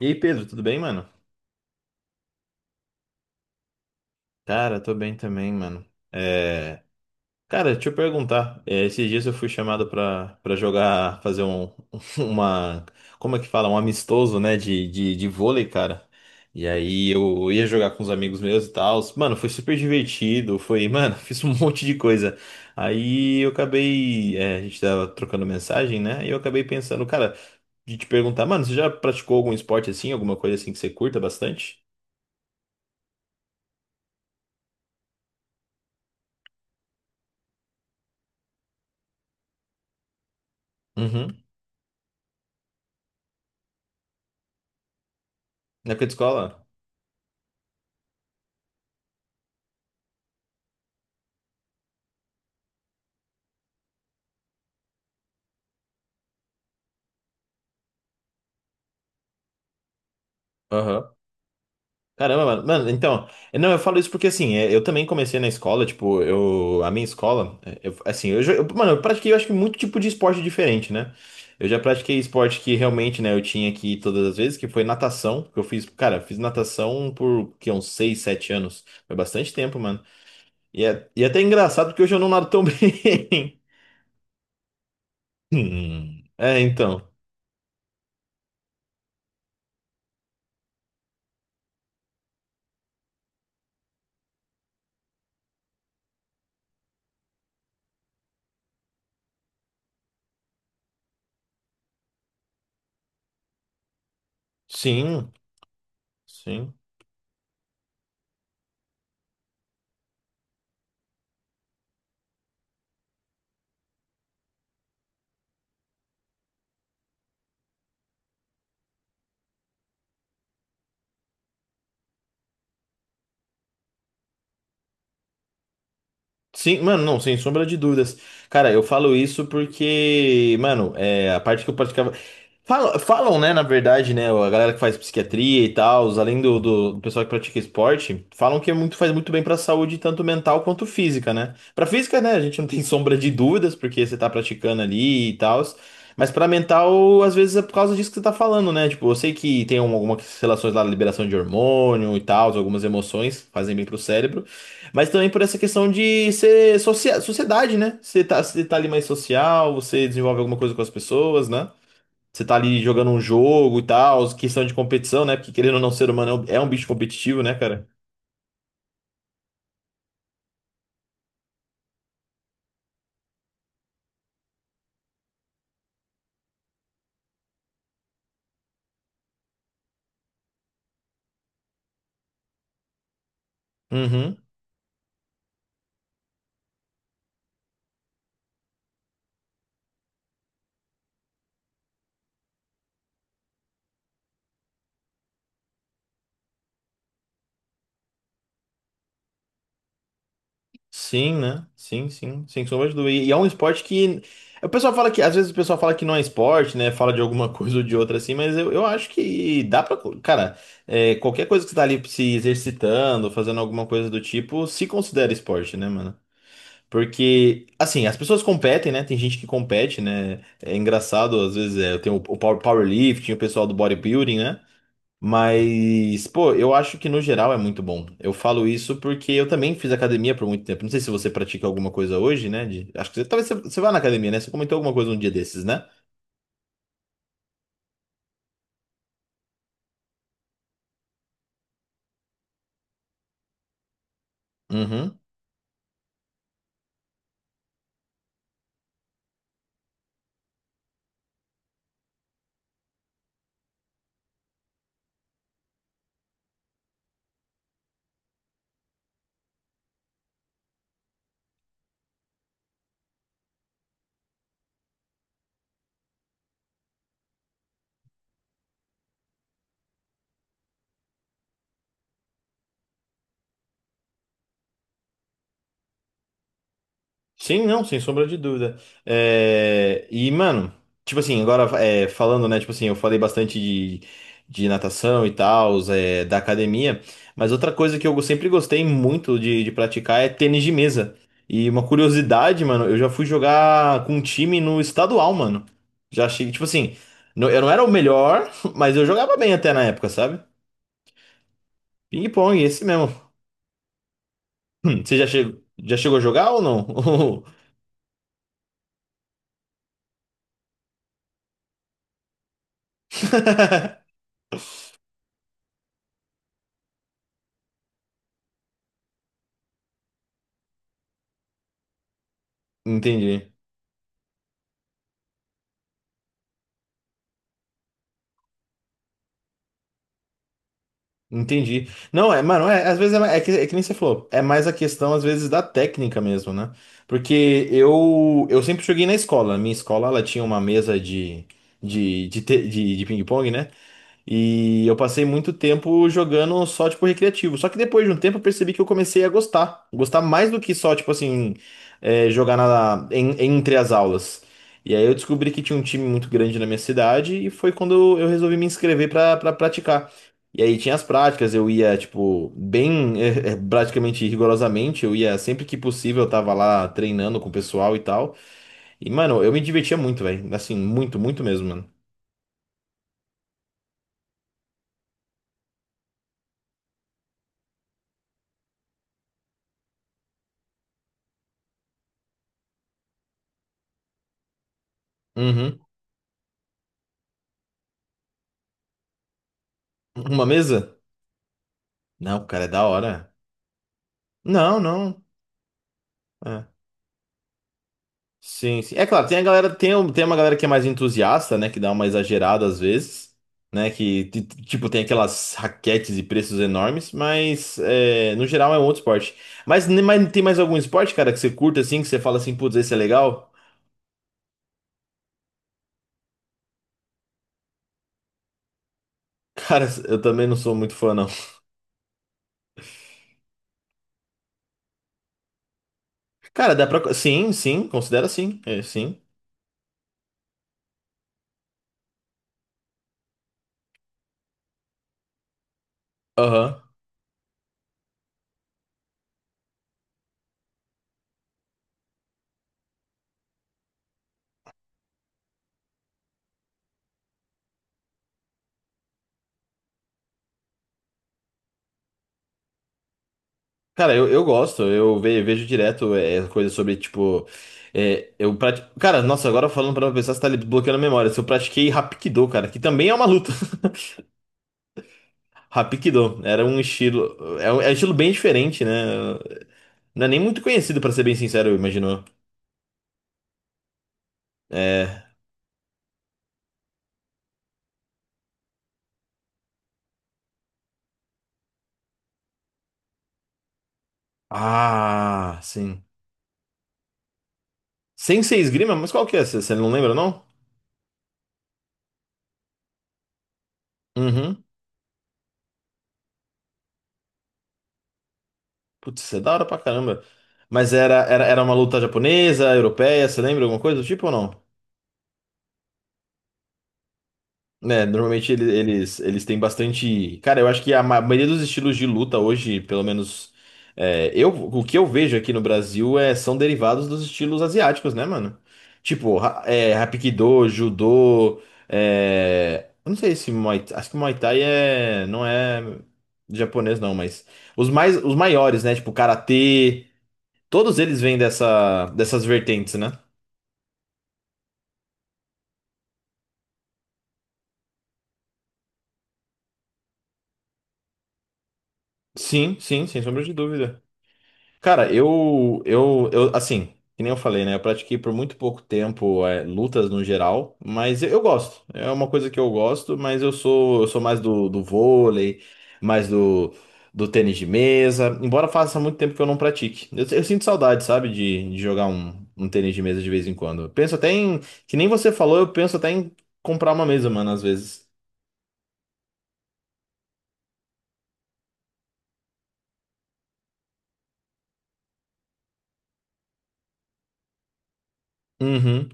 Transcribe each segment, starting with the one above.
E aí, Pedro, tudo bem, mano? Cara, tô bem também, mano. É... Cara, deixa eu perguntar. Esses dias eu fui chamado pra jogar, fazer um, uma, como é que fala? Um amistoso, né, de vôlei, cara. E aí eu ia jogar com os amigos meus e tal. Mano, foi super divertido, foi, mano, fiz um monte de coisa. Aí eu acabei, a gente tava trocando mensagem, né? E eu acabei pensando, cara, de te perguntar, mano, você já praticou algum esporte assim, alguma coisa assim que você curta bastante? Uhum. Na época de escola? Aham. Caramba, mano. Mano, então, não, eu falo isso porque assim, eu também comecei na escola, tipo, a minha escola, assim, mano, eu pratiquei, eu acho que muito tipo de esporte diferente, né? Eu já pratiquei esporte que realmente, né, eu tinha que ir todas as vezes, que foi natação, que eu fiz, cara, fiz natação por, que, uns 6 7 anos. Foi bastante tempo, mano. E é até engraçado porque hoje eu não nado tão bem. Hum. É, então. Sim, sim. Sim, mano, não, sem sombra de dúvidas. Cara, eu falo isso porque, mano, a parte que eu praticava. Falam, né, na verdade, né, a galera que faz psiquiatria e tal, além do, do pessoal que pratica esporte, falam que é muito, faz muito bem pra saúde, tanto mental quanto física, né? Pra física, né, a gente não tem sombra de dúvidas, porque você tá praticando ali e tal, mas pra mental, às vezes é por causa disso que você tá falando, né? Tipo, eu sei que tem algumas relações lá, liberação de hormônio e tal, algumas emoções fazem bem pro cérebro. Mas também por essa questão de ser sociedade, né? Você tá ali mais social, você desenvolve alguma coisa com as pessoas, né? Você tá ali jogando um jogo e tal, questão de competição, né? Porque querendo ou não, o ser humano é um bicho competitivo, né, cara? Uhum. Sim, né? Sim, sim, sem sombra de dúvida. E é um esporte que. O pessoal fala que. Às vezes o pessoal fala que não é esporte, né? Fala de alguma coisa ou de outra assim, mas eu acho que dá pra. Cara, qualquer coisa que você tá ali se exercitando, fazendo alguma coisa do tipo, se considera esporte, né, mano? Porque, assim, as pessoas competem, né? Tem gente que compete, né? É engraçado, às vezes, tem o powerlifting, o pessoal do bodybuilding, né? Mas, pô, eu acho que no geral é muito bom. Eu falo isso porque eu também fiz academia por muito tempo. Não sei se você pratica alguma coisa hoje, né? Acho que você, talvez você vá na academia, né? Você comentou alguma coisa um dia desses, né? Uhum. Sim, não, sem sombra de dúvida. E, mano, tipo assim, agora falando, né? Tipo assim, eu falei bastante de, natação e tal, da academia, mas outra coisa que eu sempre gostei muito de praticar é tênis de mesa. E uma curiosidade, mano, eu já fui jogar com um time no estadual, mano. Já cheguei, tipo assim, eu não era o melhor, mas eu jogava bem até na época, sabe? Ping-pong, esse mesmo. Você já chegou a jogar ou não? Entendi. Entendi. Não, mano, às vezes é que nem você falou, é mais a questão, às vezes, da técnica mesmo, né? Porque eu sempre joguei na escola. Minha escola, ela tinha uma mesa de, de ping-pong, né? E eu passei muito tempo jogando só, tipo, recreativo. Só que depois de um tempo eu percebi que eu comecei a gostar. Gostar mais do que só, tipo assim, jogar entre as aulas. E aí eu descobri que tinha um time muito grande na minha cidade e foi quando eu resolvi me inscrever pra praticar. E aí tinha as práticas, eu ia, tipo, bem, praticamente rigorosamente, eu ia sempre que possível, eu tava lá treinando com o pessoal e tal. E, mano, eu me divertia muito, velho. Assim, muito, muito mesmo, mano. Uhum. Uma mesa? Não, cara, é da hora. Não, não. É. Sim, sim. É claro, tem a galera, tem uma galera que é mais entusiasta, né? Que dá uma exagerada às vezes, né? Que, tipo, tem aquelas raquetes e preços enormes, mas no geral é um outro esporte. Mas tem mais algum esporte, cara, que você curta assim, que você fala assim, putz, esse é legal? Cara, eu também não sou muito fã, não. Cara, dá pra. Sim, sim, considera sim. É, sim. Aham. Cara, eu gosto, eu vejo direto coisas sobre, tipo. Cara, nossa, agora falando pra uma pessoa, você tá ali bloqueando a memória. Se eu pratiquei Hapkido, cara, que também é uma luta. Hapkido era um estilo. É um estilo bem diferente, né? Não é nem muito conhecido, pra ser bem sincero, eu imagino. É. Ah, sim. Sensei Esgrima? Mas qual que é? Você não lembra, não? Uhum. Putz, isso é da hora pra caramba. Mas era uma luta japonesa, europeia, você lembra alguma coisa do tipo ou não? Né, normalmente eles têm bastante. Cara, eu acho que a maioria dos estilos de luta hoje, pelo menos o que eu vejo aqui no Brasil são derivados dos estilos asiáticos, né, mano? Tipo, Hapkido, Judô. É, eu não sei se acho que Muay Thai é, não é japonês, não, mas os mais, os maiores, né? Tipo, Karatê, todos eles vêm dessas vertentes, né? Sim, sim, sem sombra de dúvida. Cara, eu, assim, que nem eu falei, né? Eu pratiquei por muito pouco tempo, lutas no geral, mas eu gosto. É uma coisa que eu gosto, mas eu sou mais do, do, vôlei, mais do tênis de mesa, embora faça muito tempo que eu não pratique. Eu sinto saudade, sabe, de, jogar um tênis de mesa de vez em quando. Eu penso até em, que nem você falou, eu penso até em comprar uma mesa, mano, às vezes. Uhum.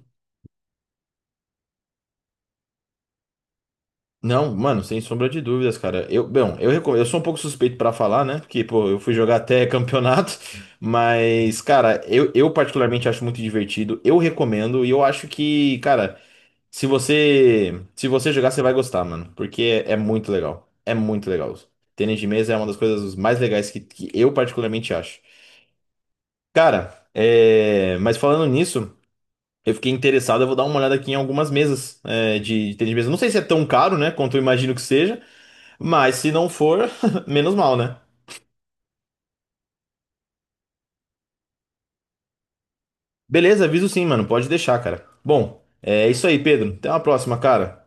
Não, mano, sem sombra de dúvidas, cara. Eu, bom, eu sou um pouco suspeito pra falar, né? Porque, pô, eu fui jogar até campeonato, mas, cara, eu particularmente acho muito divertido. Eu recomendo e eu acho que, cara, se você jogar, você vai gostar, mano, porque é muito legal. É muito legal. Tênis de mesa é uma das coisas mais legais que eu particularmente acho. Cara, mas falando nisso, eu fiquei interessado, eu vou dar uma olhada aqui em algumas mesas de tênis de mesa. Não sei se é tão caro, né, quanto eu imagino que seja. Mas se não for, menos mal, né? Beleza, aviso sim, mano. Pode deixar, cara. Bom, é isso aí, Pedro. Até uma próxima, cara.